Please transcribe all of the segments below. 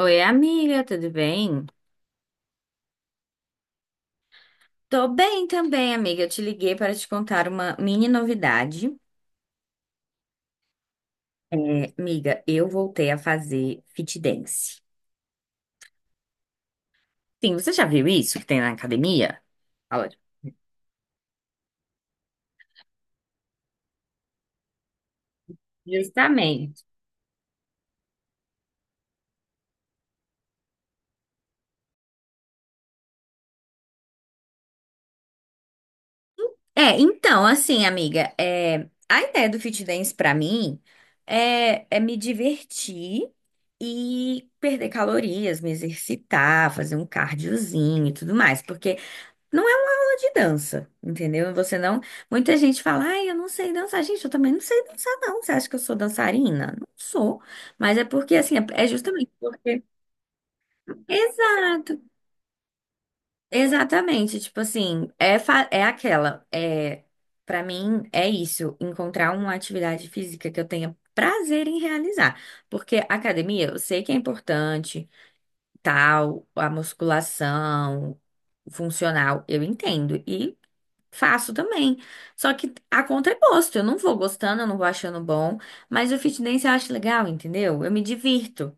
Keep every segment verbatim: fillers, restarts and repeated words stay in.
Oi, amiga, tudo bem? Tô bem também, amiga. Eu te liguei para te contar uma mini novidade. É, amiga, eu voltei a fazer fit dance. Sim, você já viu isso que tem na academia? Olha, justamente. é, então, assim, amiga, é, a ideia do Fit Dance pra mim é, é me divertir e perder calorias, me exercitar, fazer um cardiozinho e tudo mais, porque não é uma aula de dança, entendeu? Você não. Muita gente fala, ai, eu não sei dançar. Gente, eu também não sei dançar, não. Você acha que eu sou dançarina? Não sou. Mas é porque, assim, é é justamente porque. Exato, exatamente. Tipo assim, é, fa- é aquela. É... Para mim, é isso. Encontrar uma atividade física que eu tenha prazer em realizar. Porque academia, eu sei que é importante, tal, a musculação funcional, eu entendo. E faço também. Só que a conta é gosto. Eu não vou gostando, eu não vou achando bom. Mas o fit dance eu acho legal, entendeu? Eu me divirto.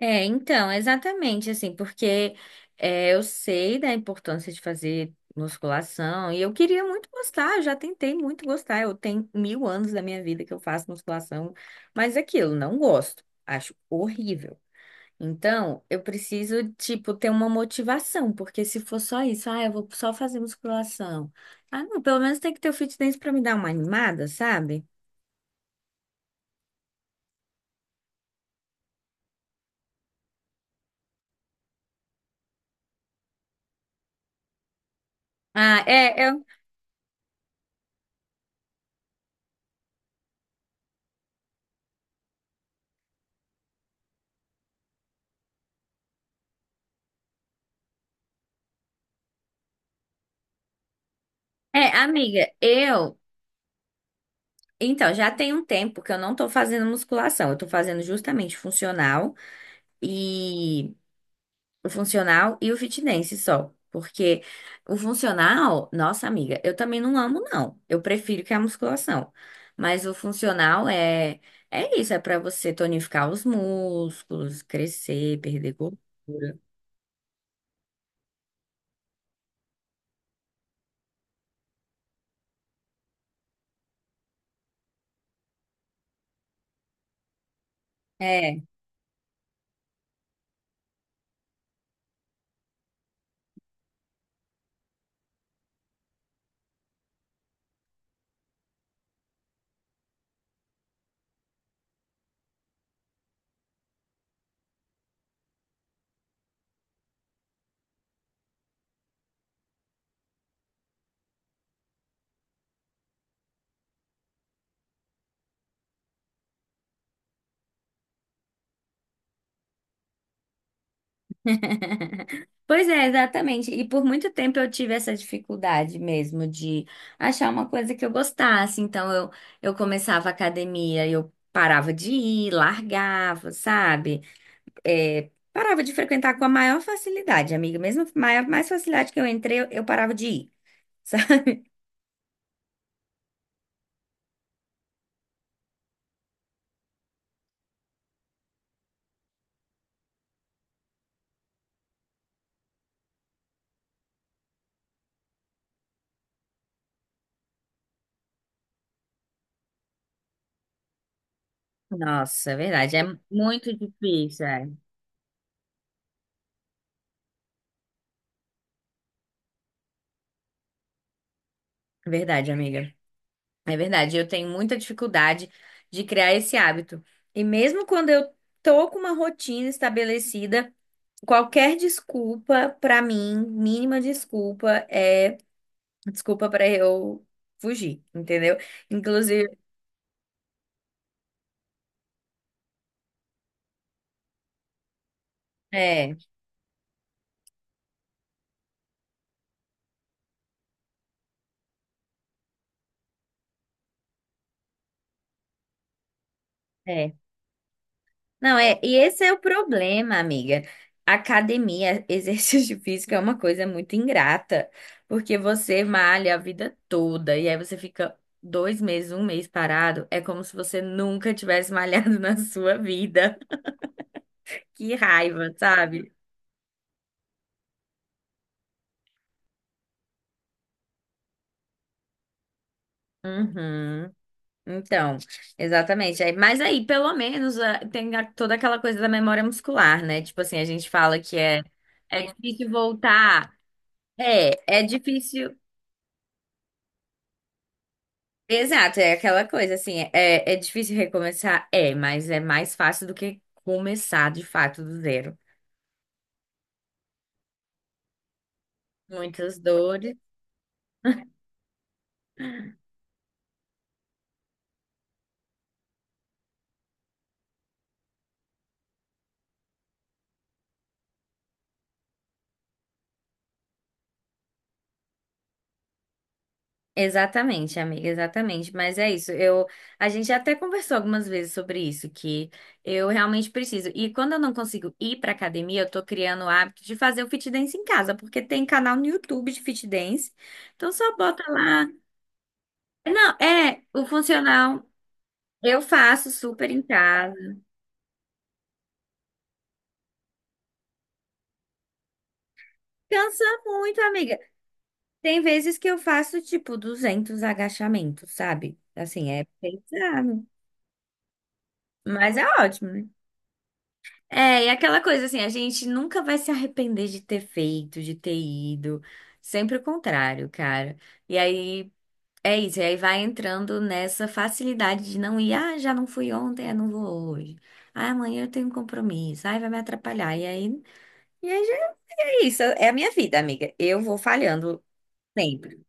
É, então, exatamente assim, porque é, eu sei da importância de fazer musculação e eu queria muito gostar, eu já tentei muito gostar. Eu tenho mil anos da minha vida que eu faço musculação, mas é aquilo, não gosto. Acho horrível. Então, eu preciso, tipo, ter uma motivação, porque se for só isso, ah, eu vou só fazer musculação. Ah, não, pelo menos tem que ter o fitness pra me dar uma animada, sabe? Ah, é, eu, é, amiga, eu, então, já tem um tempo que eu não tô fazendo musculação, eu tô fazendo justamente funcional e o funcional e o fitness só. Porque o funcional, nossa amiga, eu também não amo, não. Eu prefiro que a musculação. Mas o funcional é, é isso, é pra você tonificar os músculos, crescer, perder gordura. É. Pois é, exatamente. E por muito tempo eu tive essa dificuldade mesmo de achar uma coisa que eu gostasse. Então eu, eu começava a academia e eu parava de ir, largava, sabe? É, parava de frequentar com a maior facilidade, amiga. Mesmo maior, mais facilidade que eu entrei, eu, eu parava de ir. Sabe? Nossa, é verdade. É muito difícil, é. Verdade, amiga. É verdade. Eu tenho muita dificuldade de criar esse hábito. E mesmo quando eu tô com uma rotina estabelecida, qualquer desculpa pra mim, mínima desculpa, é desculpa pra eu fugir, entendeu? Inclusive, é. É. Não, é, e esse é o problema, amiga. Academia, exercício físico é uma coisa muito ingrata, porque você malha a vida toda e aí você fica dois meses, um mês parado, é como se você nunca tivesse malhado na sua vida. Que raiva, sabe? Uhum. Então, exatamente. Aí- Mas aí, pelo menos, ah, tem a- toda aquela coisa da memória muscular, né? Tipo assim, a gente fala que é, é difícil voltar. É, é difícil. Exato, é aquela coisa assim, é, é difícil recomeçar? É, mas é mais fácil do que começar de fato do zero. Muitas dores. Exatamente, amiga, exatamente. Mas é isso. Eu, a gente até conversou algumas vezes sobre isso, que eu realmente preciso. E quando eu não consigo ir pra academia, eu tô criando o hábito de fazer o fit dance em casa, porque tem canal no YouTube de fit dance. Então só bota lá. Não, é, o funcional eu faço super em casa. Cansa muito, amiga. Tem vezes que eu faço tipo duzentos agachamentos, sabe? Assim, é pesado, mas é ótimo, né? É, e aquela coisa assim, a gente nunca vai se arrepender de ter feito, de ter ido. Sempre o contrário, cara. E aí é isso, e aí vai entrando nessa facilidade de não ir, ah, já não fui ontem, eu não vou hoje. Ah, amanhã eu tenho um compromisso, ai, vai me atrapalhar. E aí, e aí já é isso, é a minha vida, amiga. Eu vou falhando sempre.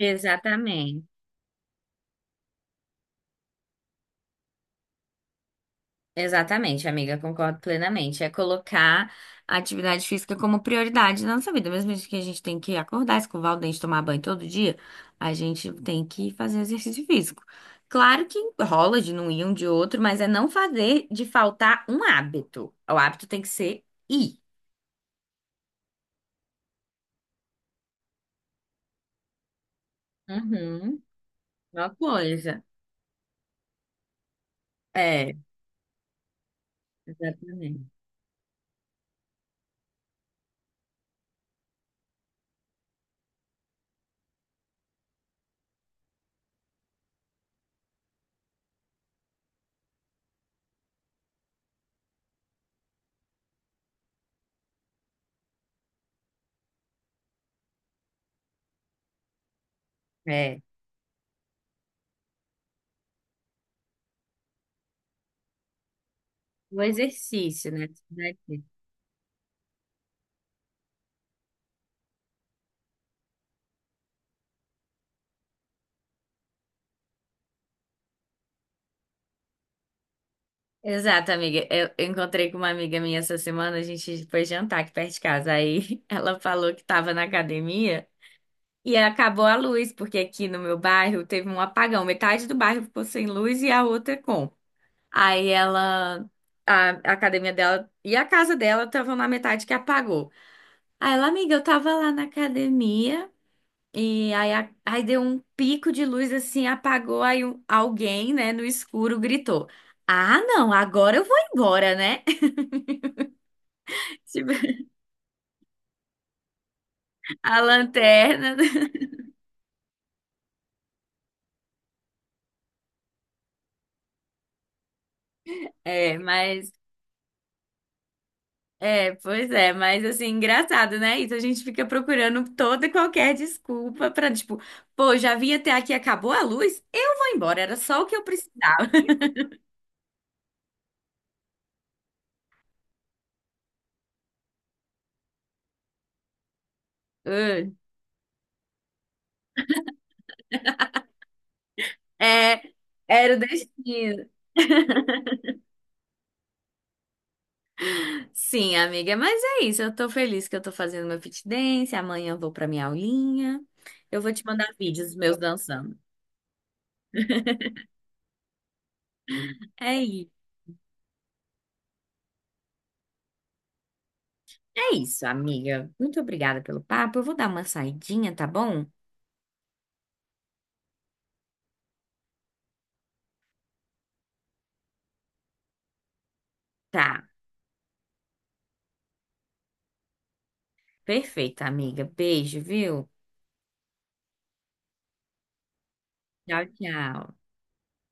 Exatamente. Exatamente, amiga, concordo plenamente. É colocar a atividade física como prioridade na nossa vida. Mesmo que a gente tem que acordar, escovar o dente, tomar banho todo dia, a gente tem que fazer exercício físico. Claro que rola de não ir um de outro, mas é não fazer de faltar um hábito. O hábito tem que ser ir. Uhum, uma coisa. É, exatamente. É. O exercício, né? Exato, amiga. Eu eu encontrei com uma amiga minha essa semana, a gente foi jantar aqui perto de casa. Aí ela falou que estava na academia e acabou a luz, porque aqui no meu bairro teve um apagão. Metade do bairro ficou sem luz e a outra com. Aí ela, a, a academia dela e a casa dela estavam na metade que apagou. Aí ela, amiga, eu tava lá na academia. E aí, a- aí deu um pico de luz assim, apagou, aí um- alguém, né, no escuro gritou: ah, não, agora eu vou embora, né? Tipo, a lanterna. É, mas. É, pois é, mas assim, engraçado, né? Isso a gente fica procurando toda e qualquer desculpa pra, tipo, pô, já vim até aqui, acabou a luz, eu vou embora, era só o que eu precisava. Ah, é, era o destino. Sim, amiga, mas é isso, eu tô feliz que eu tô fazendo meu fit dance, amanhã eu vou pra minha aulinha, eu vou te mandar vídeos meus dançando. É, i- É isso, amiga. Muito obrigada pelo papo, eu vou dar uma saidinha, tá bom? Tá. Perfeito, amiga. Beijo, viu? Tchau, tchau.